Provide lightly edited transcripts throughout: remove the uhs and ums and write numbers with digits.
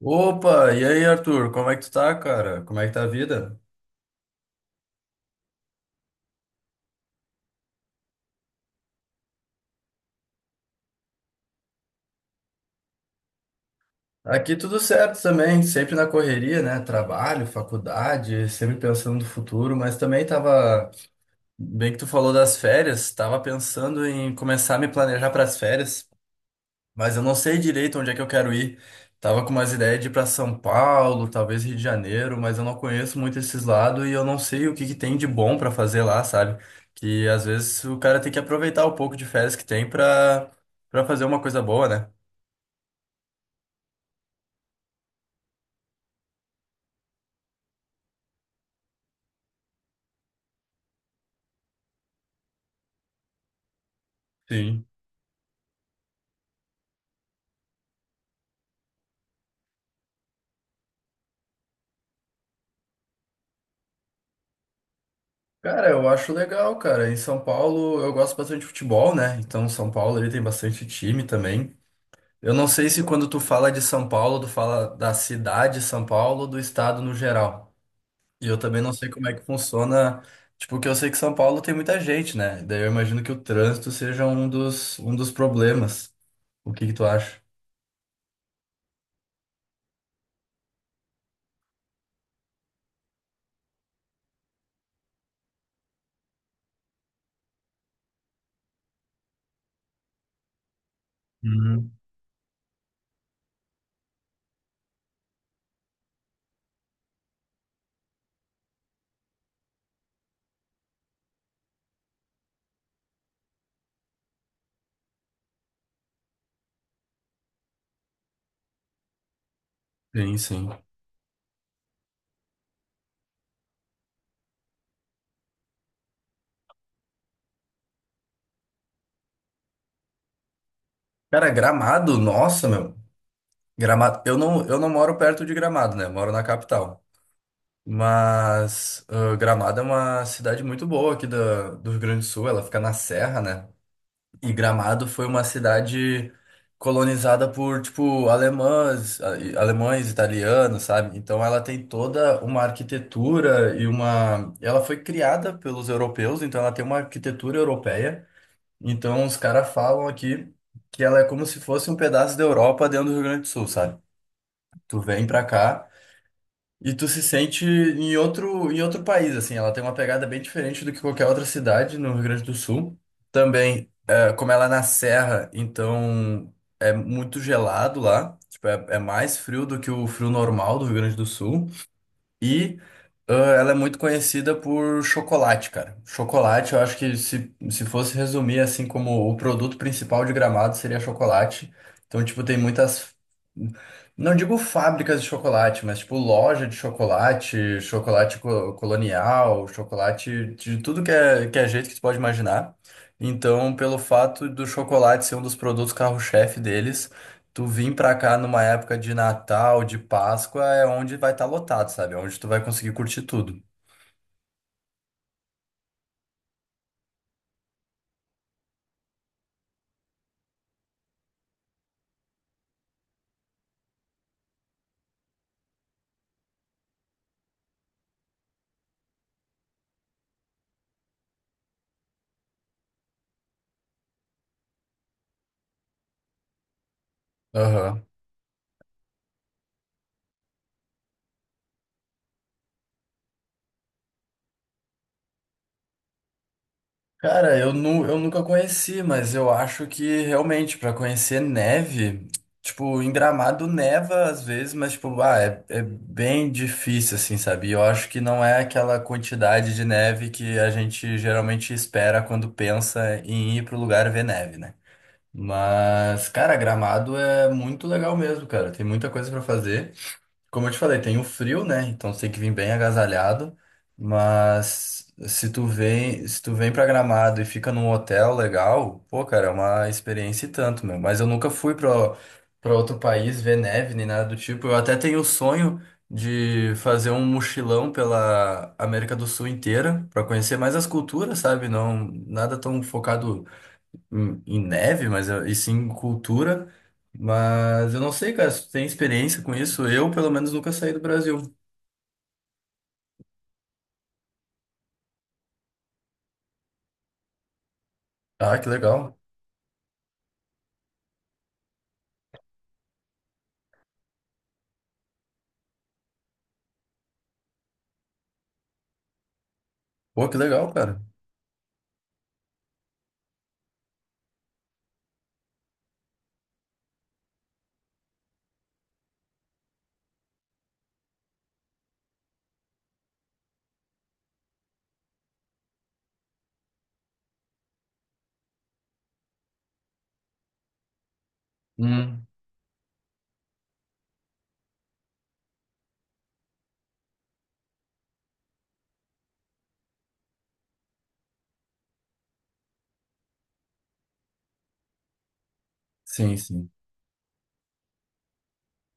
Opa, e aí, Arthur? Como é que tu tá, cara? Como é que tá a vida? Aqui tudo certo também, sempre na correria, né? Trabalho, faculdade, sempre pensando no futuro, mas também tava, bem que tu falou das férias, tava pensando em começar a me planejar para as férias. Mas eu não sei direito onde é que eu quero ir. Tava com umas ideias de ir pra São Paulo, talvez Rio de Janeiro, mas eu não conheço muito esses lados e eu não sei o que que tem de bom pra fazer lá, sabe? Que às vezes o cara tem que aproveitar o pouco de férias que tem pra para fazer uma coisa boa, né? Sim. Cara, eu acho legal, cara. Em São Paulo eu gosto bastante de futebol, né? Então São Paulo ele tem bastante time também. Eu não sei se quando tu fala de São Paulo, tu fala da cidade de São Paulo ou do estado no geral. E eu também não sei como é que funciona, tipo, porque eu sei que São Paulo tem muita gente, né? Daí eu imagino que o trânsito seja um dos problemas. O que que tu acha? Uhum. Sim, sim. Cara, Gramado, nossa, meu. Gramado, eu não moro perto de Gramado, né? Eu moro na capital. Mas Gramado é uma cidade muito boa aqui da, do Rio Grande do Sul, ela fica na serra, né? E Gramado foi uma cidade colonizada por, tipo, alemães, alemães, italianos, sabe? Então ela tem toda uma arquitetura e uma... Ela foi criada pelos europeus, então ela tem uma arquitetura europeia. Então os caras falam aqui que ela é como se fosse um pedaço da Europa dentro do Rio Grande do Sul, sabe? Tu vem pra cá... E tu se sente em outro país, assim. Ela tem uma pegada bem diferente do que qualquer outra cidade no Rio Grande do Sul. Também, é, como ela é na serra, então é muito gelado lá. Tipo, é mais frio do que o frio normal do Rio Grande do Sul. E ah, ela é muito conhecida por chocolate, cara. Chocolate, eu acho que se fosse resumir assim como o produto principal de Gramado seria chocolate. Então, tipo, tem muitas. Não digo fábricas de chocolate, mas tipo loja de chocolate, chocolate colonial, chocolate de tudo que é jeito que você pode imaginar. Então, pelo fato do chocolate ser um dos produtos carro-chefe deles, tu vir pra cá numa época de Natal, de Páscoa, é onde vai estar lotado, sabe? É onde tu vai conseguir curtir tudo. Aham. Cara, eu nunca conheci, mas eu acho que realmente pra conhecer neve, tipo, em Gramado neva às vezes, mas tipo, é bem difícil assim, sabe? E eu acho que não é aquela quantidade de neve que a gente geralmente espera quando pensa em ir pro lugar ver neve, né? Mas, cara, Gramado é muito legal mesmo, cara. Tem muita coisa pra fazer. Como eu te falei, tem o frio, né? Então você tem que vir bem agasalhado. Mas se tu vem pra Gramado e fica num hotel legal, pô, cara, é uma experiência e tanto, meu. Mas eu nunca fui pra outro país ver neve nem nada do tipo. Eu até tenho o sonho de fazer um mochilão pela América do Sul inteira pra conhecer mais as culturas, sabe? Não, nada tão focado em neve, mas e sim em cultura. Mas eu não sei, cara, se tu tem experiência com isso? Eu, pelo menos, nunca saí do Brasil. Ah, que legal. Pô, que legal, cara. Hum. Sim, sim.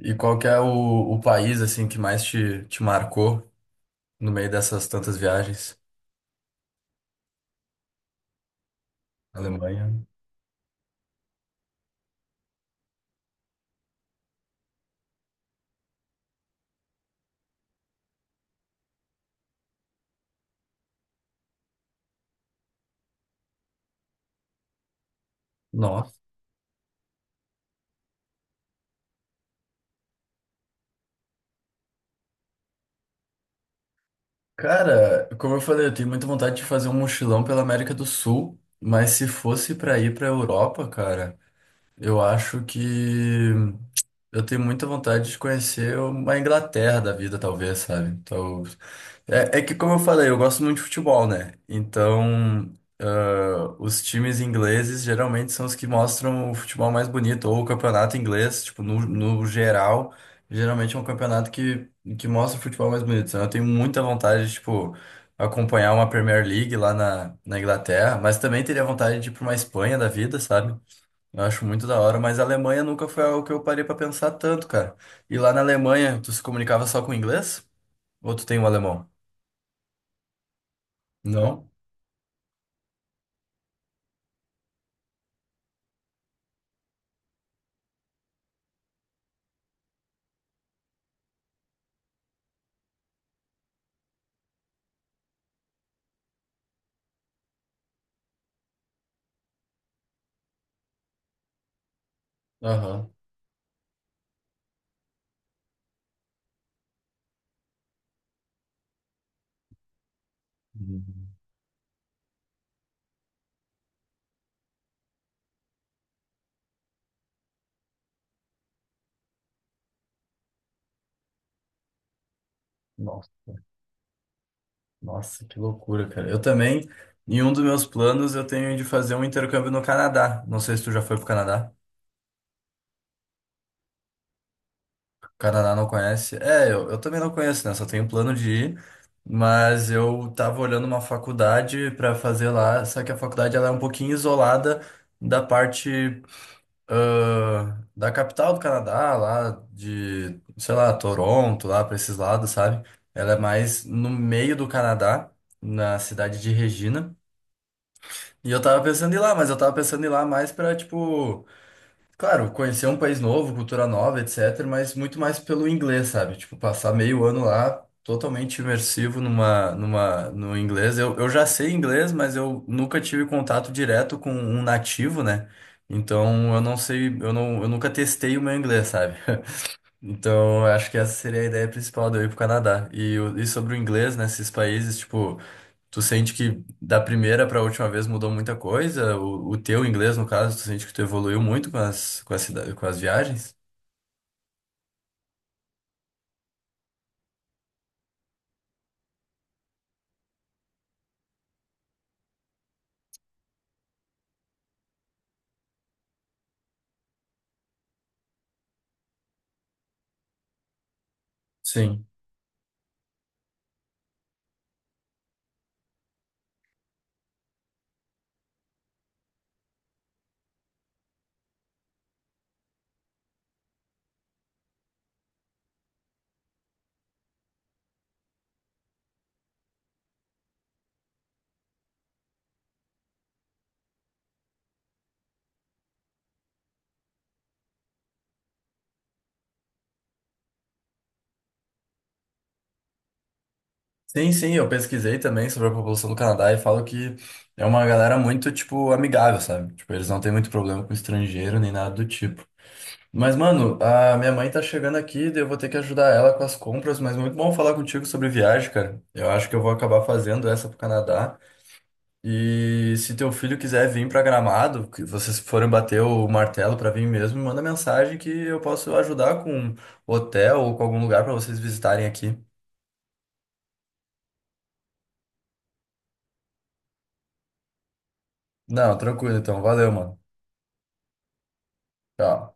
E qual que é o país, assim, que mais te marcou no meio dessas tantas viagens? Alemanha. Nossa. Cara, como eu falei, eu tenho muita vontade de fazer um mochilão pela América do Sul, mas se fosse pra ir pra Europa, cara, eu acho que. Eu tenho muita vontade de conhecer uma Inglaterra da vida, talvez, sabe? Então, é que, como eu falei, eu gosto muito de futebol, né? Então, os times ingleses geralmente são os que mostram o futebol mais bonito, ou o campeonato inglês, tipo, no geral, geralmente é um campeonato que mostra o futebol mais bonito. Então, eu tenho muita vontade de, tipo, acompanhar uma Premier League lá na Inglaterra, mas também teria vontade de ir para uma Espanha da vida, sabe? Eu acho muito da hora, mas a Alemanha nunca foi algo que eu parei pra pensar tanto, cara. E lá na Alemanha, tu se comunicava só com inglês? Ou tu tem um alemão? Não? Aham. Uhum. Nossa, nossa, que loucura, cara. Eu também, em um dos meus planos, eu tenho de fazer um intercâmbio no Canadá. Não sei se tu já foi pro Canadá. Canadá não conhece. É, eu também não conheço, né? Só tenho plano de ir. Mas eu tava olhando uma faculdade pra fazer lá, só que a faculdade ela é um pouquinho isolada da parte da capital do Canadá, lá de, sei lá, Toronto, lá pra esses lados, sabe? Ela é mais no meio do Canadá, na cidade de Regina. E eu tava pensando em ir lá, mas eu tava pensando em ir lá mais pra, tipo. Claro, conhecer um país novo, cultura nova, etc., mas muito mais pelo inglês, sabe? Tipo, passar meio ano lá totalmente imersivo no inglês. Eu já sei inglês, mas eu nunca tive contato direto com um nativo, né? Então eu não sei, eu nunca testei o meu inglês, sabe? Então eu acho que essa seria a ideia principal de eu ir pro Canadá. E, e sobre o inglês, nesses países, tipo. Tu sente que da primeira para a última vez mudou muita coisa? O teu inglês, no caso, tu sente que tu evoluiu muito com as, com as viagens? Sim. Sim, sim, eu pesquisei também sobre a população do Canadá e falo que é uma galera muito, tipo, amigável, sabe? Tipo, eles não têm muito problema com estrangeiro nem nada do tipo. Mas, mano, a minha mãe tá chegando aqui, daí eu vou ter que ajudar ela com as compras, mas muito bom falar contigo sobre viagem, cara. Eu acho que eu vou acabar fazendo essa pro Canadá. E se teu filho quiser vir pra Gramado, que vocês forem bater o martelo pra vir mesmo, me manda mensagem que eu posso ajudar com hotel ou com algum lugar pra vocês visitarem aqui. Não, tranquilo então. Valeu, mano. Tchau.